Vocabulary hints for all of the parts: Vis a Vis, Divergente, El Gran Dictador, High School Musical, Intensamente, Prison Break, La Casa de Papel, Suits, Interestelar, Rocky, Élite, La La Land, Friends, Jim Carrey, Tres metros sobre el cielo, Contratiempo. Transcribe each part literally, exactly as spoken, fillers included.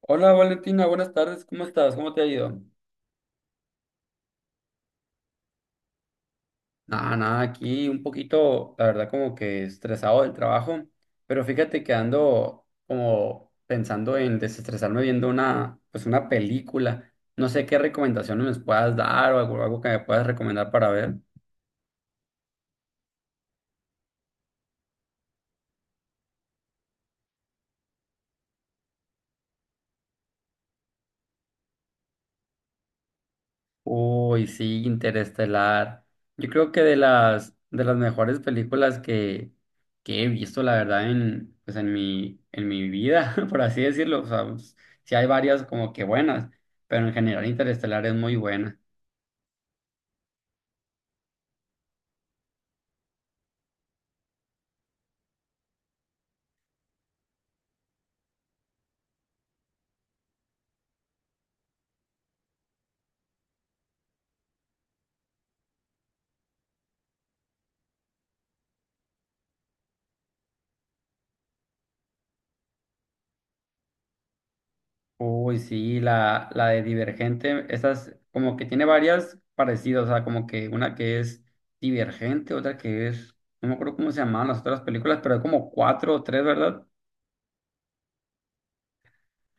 Hola Valentina, buenas tardes, ¿cómo estás? ¿Cómo te ha ido? Nada, nada, aquí un poquito, la verdad, como que estresado del trabajo, pero fíjate que ando como pensando en desestresarme viendo una, pues una película. No sé qué recomendaciones me puedas dar o algo, algo que me puedas recomendar para ver. Uy, sí, Interestelar. Yo creo que de las de las mejores películas que, que he visto, la verdad, en pues en mi en mi vida, por así decirlo. O sea, pues, sí hay varias como que buenas, pero en general Interestelar es muy buena. Uy, sí, la, la de Divergente, esas como que tiene varias parecidas, o sea, como que una que es Divergente, otra que es, no me acuerdo cómo se llamaban las otras películas, pero hay como cuatro o tres, ¿verdad?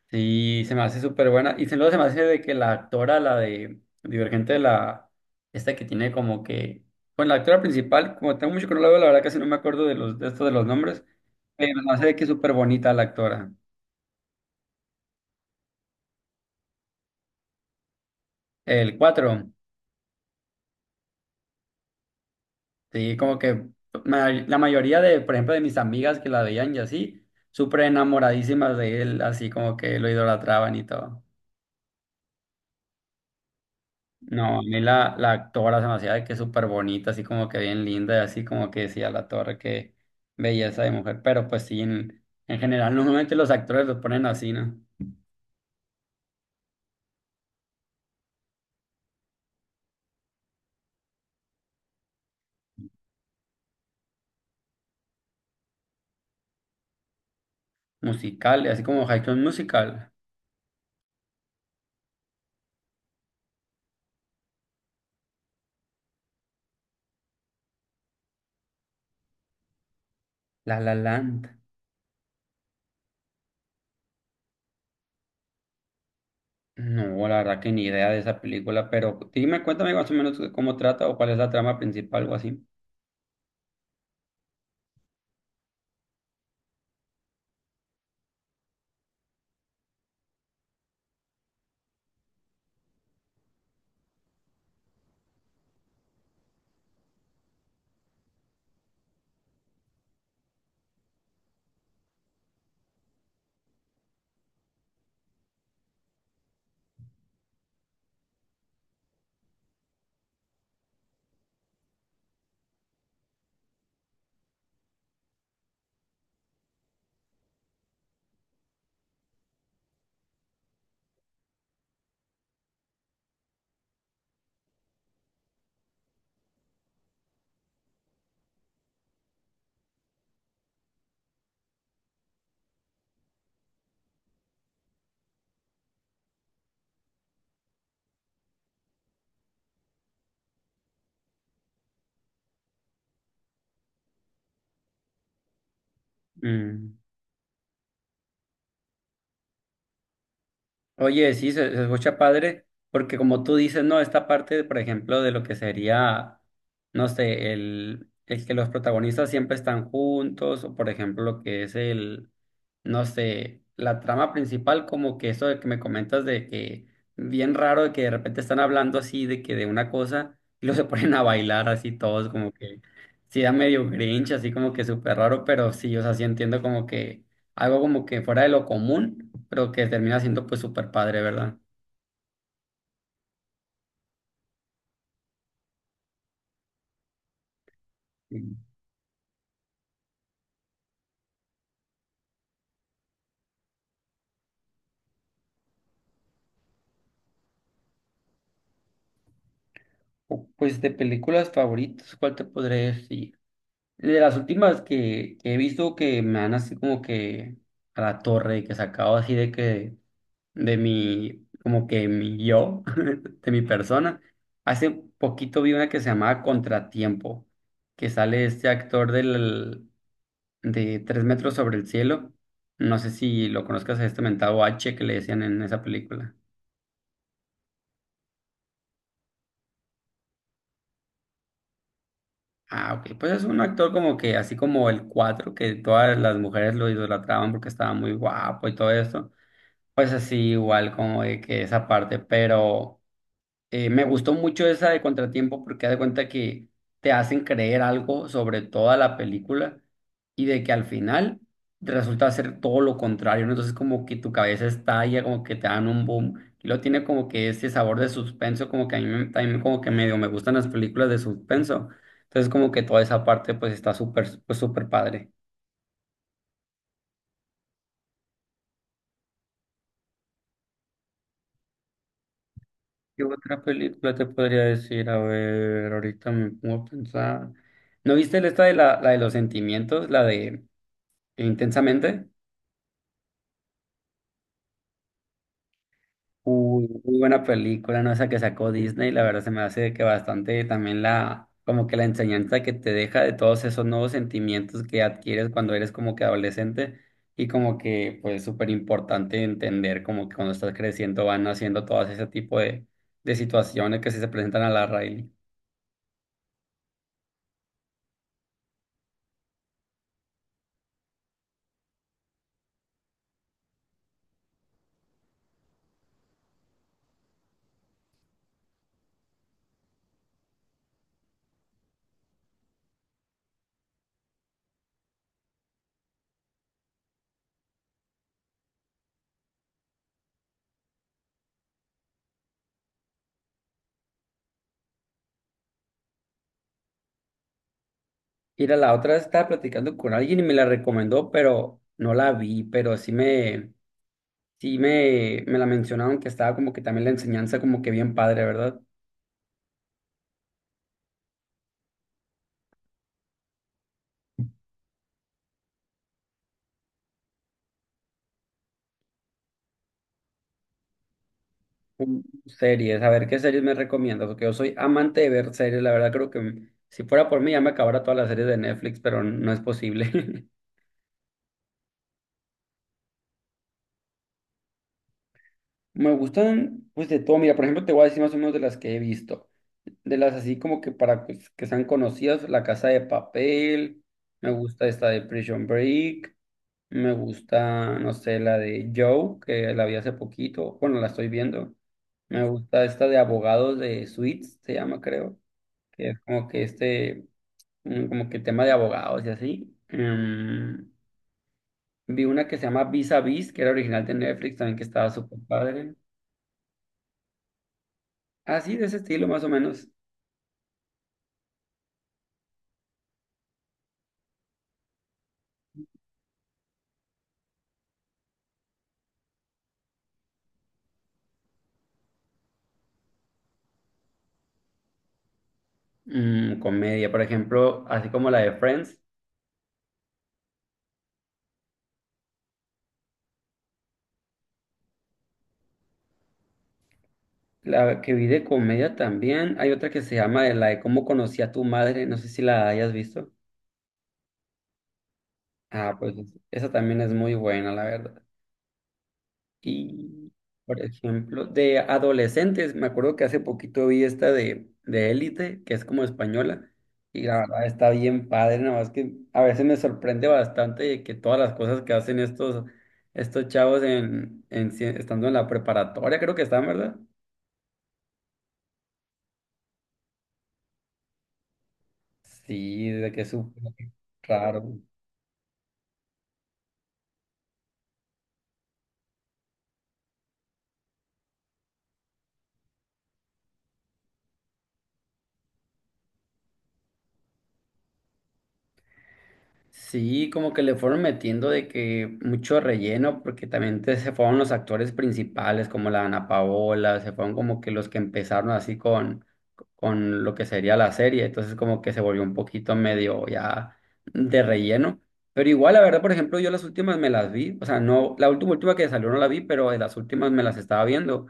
Sí, se me hace súper buena. Y se- luego se me hace de que la actora, la de Divergente, la esta que tiene como que. Bueno, la actora principal, como tengo mucho que no la veo, la verdad casi no me acuerdo de los de esto de los nombres. Pero se me hace de que es súper bonita la actora. El cuatro, sí, como que ma- la mayoría de, por ejemplo, de mis amigas que la veían y así, súper enamoradísimas de él, así como que lo idolatraban y todo. No, a mí la, la actora se me hacía de que súper bonita, así como que bien linda, y así como que decía la torre que belleza de mujer, pero pues sí, en, en general normalmente los actores los ponen así, ¿no? Musicales, así como High School Musical, La La Land. No, la verdad que ni idea de esa película, pero dime, cuéntame más o menos cómo trata o cuál es la trama principal o así. Mm. Oye, sí, se, se escucha padre, porque como tú dices, no, esta parte, por ejemplo, de lo que sería, no sé, el, el que los protagonistas siempre están juntos, o por ejemplo, lo que es el, no sé, la trama principal, como que eso de que me comentas de que bien raro de que de repente están hablando así de que de una cosa y luego se ponen a bailar así todos, como que sí da medio grinch, así como que súper raro, pero sí, o sea, sí entiendo como que algo como que fuera de lo común, pero que termina siendo pues súper padre, ¿verdad? Sí. O, pues de películas favoritas, ¿cuál te podré decir? De las últimas que, que he visto que me han así como que a la torre, que sacado así de que de mi, como que mi yo, de mi persona. Hace poquito vi una que se llamaba Contratiempo, que sale este actor del, de Tres metros sobre el cielo. No sé si lo conozcas a este mentado H que le decían en esa película. Ah, ok. Pues es un actor como que, así como el cuatro que todas las mujeres lo idolatraban porque estaba muy guapo y todo esto. Pues así, igual como de que esa parte, pero. Eh, me gustó mucho esa de Contratiempo porque haz de cuenta que te hacen creer algo sobre toda la película y de que al final resulta ser todo lo contrario, ¿no? Entonces como que tu cabeza estalla, como que te dan un boom y lo tiene como que ese sabor de suspenso, como que a mí me- también como que medio me gustan las películas de suspenso. Entonces como que toda esa parte pues está súper, pues súper padre. ¿Qué otra película te podría decir? A ver, ahorita me pongo a pensar. ¿No viste esta de la, la de los sentimientos? La de... Intensamente. Uy, muy buena película, ¿no? Esa que sacó Disney, la verdad se me hace que bastante también la, como que la enseñanza que te deja de todos esos nuevos sentimientos que adquieres cuando eres como que adolescente y como que pues súper importante entender como que cuando estás creciendo van haciendo todo ese tipo de, de situaciones que sí se presentan a la Riley. Mira, la otra estaba platicando con alguien y me la recomendó, pero no la vi, pero sí me... Sí, me, me la mencionaron que estaba como que también la enseñanza como que bien padre, ¿verdad? Um, Series, a ver qué series me recomiendas, porque yo soy amante de ver series, la verdad creo que m- si fuera por mí ya me acabara todas las series de Netflix, pero no es posible. Me gustan pues de todo, mira, por ejemplo te voy a decir más o menos de las que he visto, de las así como que para pues, que sean conocidas, La Casa de Papel, me gusta esta de Prison Break. Me gusta, no sé, la de Joe, que la vi hace poquito. Bueno, la estoy viendo. Me gusta esta de abogados de Suits, se llama, creo. Que es como que este, mm, como que tema de abogados y así. Em, vi una que se llama Vis a Vis, que era original de Netflix, también que estaba súper padre. Así, de ese estilo, más o menos. Mm, comedia, por ejemplo, así como la de Friends. La que vi de comedia también. Hay otra que se llama de la de cómo conocí a tu madre. No sé si la hayas visto. Ah, pues esa también es muy buena, la verdad. Y, por ejemplo, de adolescentes, me acuerdo que hace poquito vi esta de, de Élite, que es como española, y la verdad está bien padre, nada más que a veces me sorprende bastante de que todas las cosas que hacen estos, estos chavos en, en, si- estando en la preparatoria, creo que están, ¿verdad? Sí, de que es súper raro. Sí, como que le fueron metiendo de que mucho relleno, porque también te- se fueron los actores principales, como la Ana Paola, se fueron como que los que empezaron así con, con lo que sería la serie, entonces como que se volvió un poquito medio ya de relleno. Pero igual, la verdad, por ejemplo, yo las últimas me las vi, o sea, no, la última última que salió no la vi, pero de las últimas me las estaba viendo.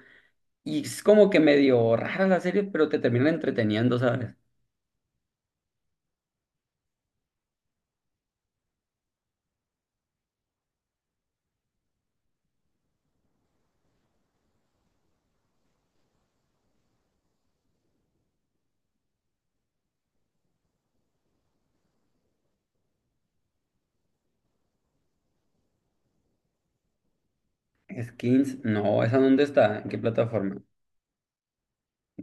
Y es como que medio rara la serie, pero te terminan entreteniendo, ¿sabes? Skins, no, ¿esa dónde está? ¿En qué plataforma?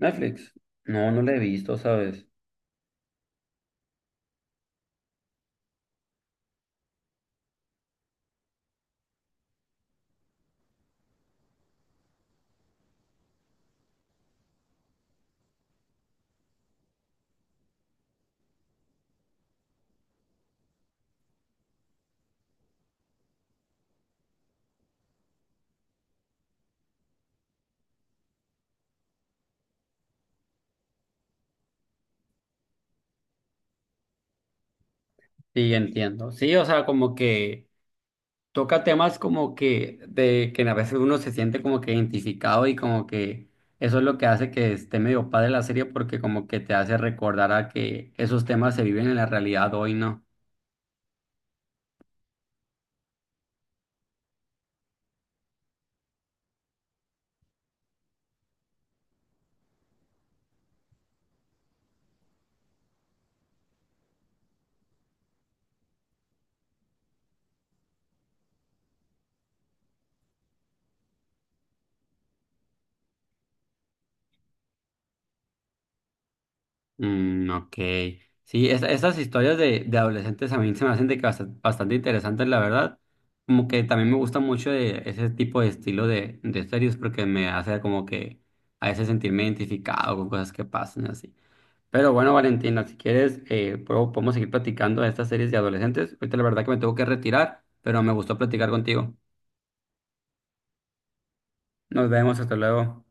Netflix. No, no la he visto, ¿sabes? Sí, entiendo. Sí, o sea, como que toca temas como que de que a veces uno se siente como que identificado y como que eso es lo que hace que esté medio padre la serie porque como que te hace recordar a que esos temas se viven en la realidad hoy, ¿no? Mm, ok. Sí, esa- esas historias de, de adolescentes a mí se me hacen de que basta- bastante, interesantes, la verdad. Como que también me gusta mucho de ese tipo de estilo de, de series porque me hace como que a veces sentirme identificado con cosas que pasan así. Pero bueno, Valentina, si quieres, eh, puedo- podemos seguir platicando de estas series de adolescentes. Ahorita la verdad que me tengo que retirar, pero me gustó platicar contigo. Nos vemos, hasta luego.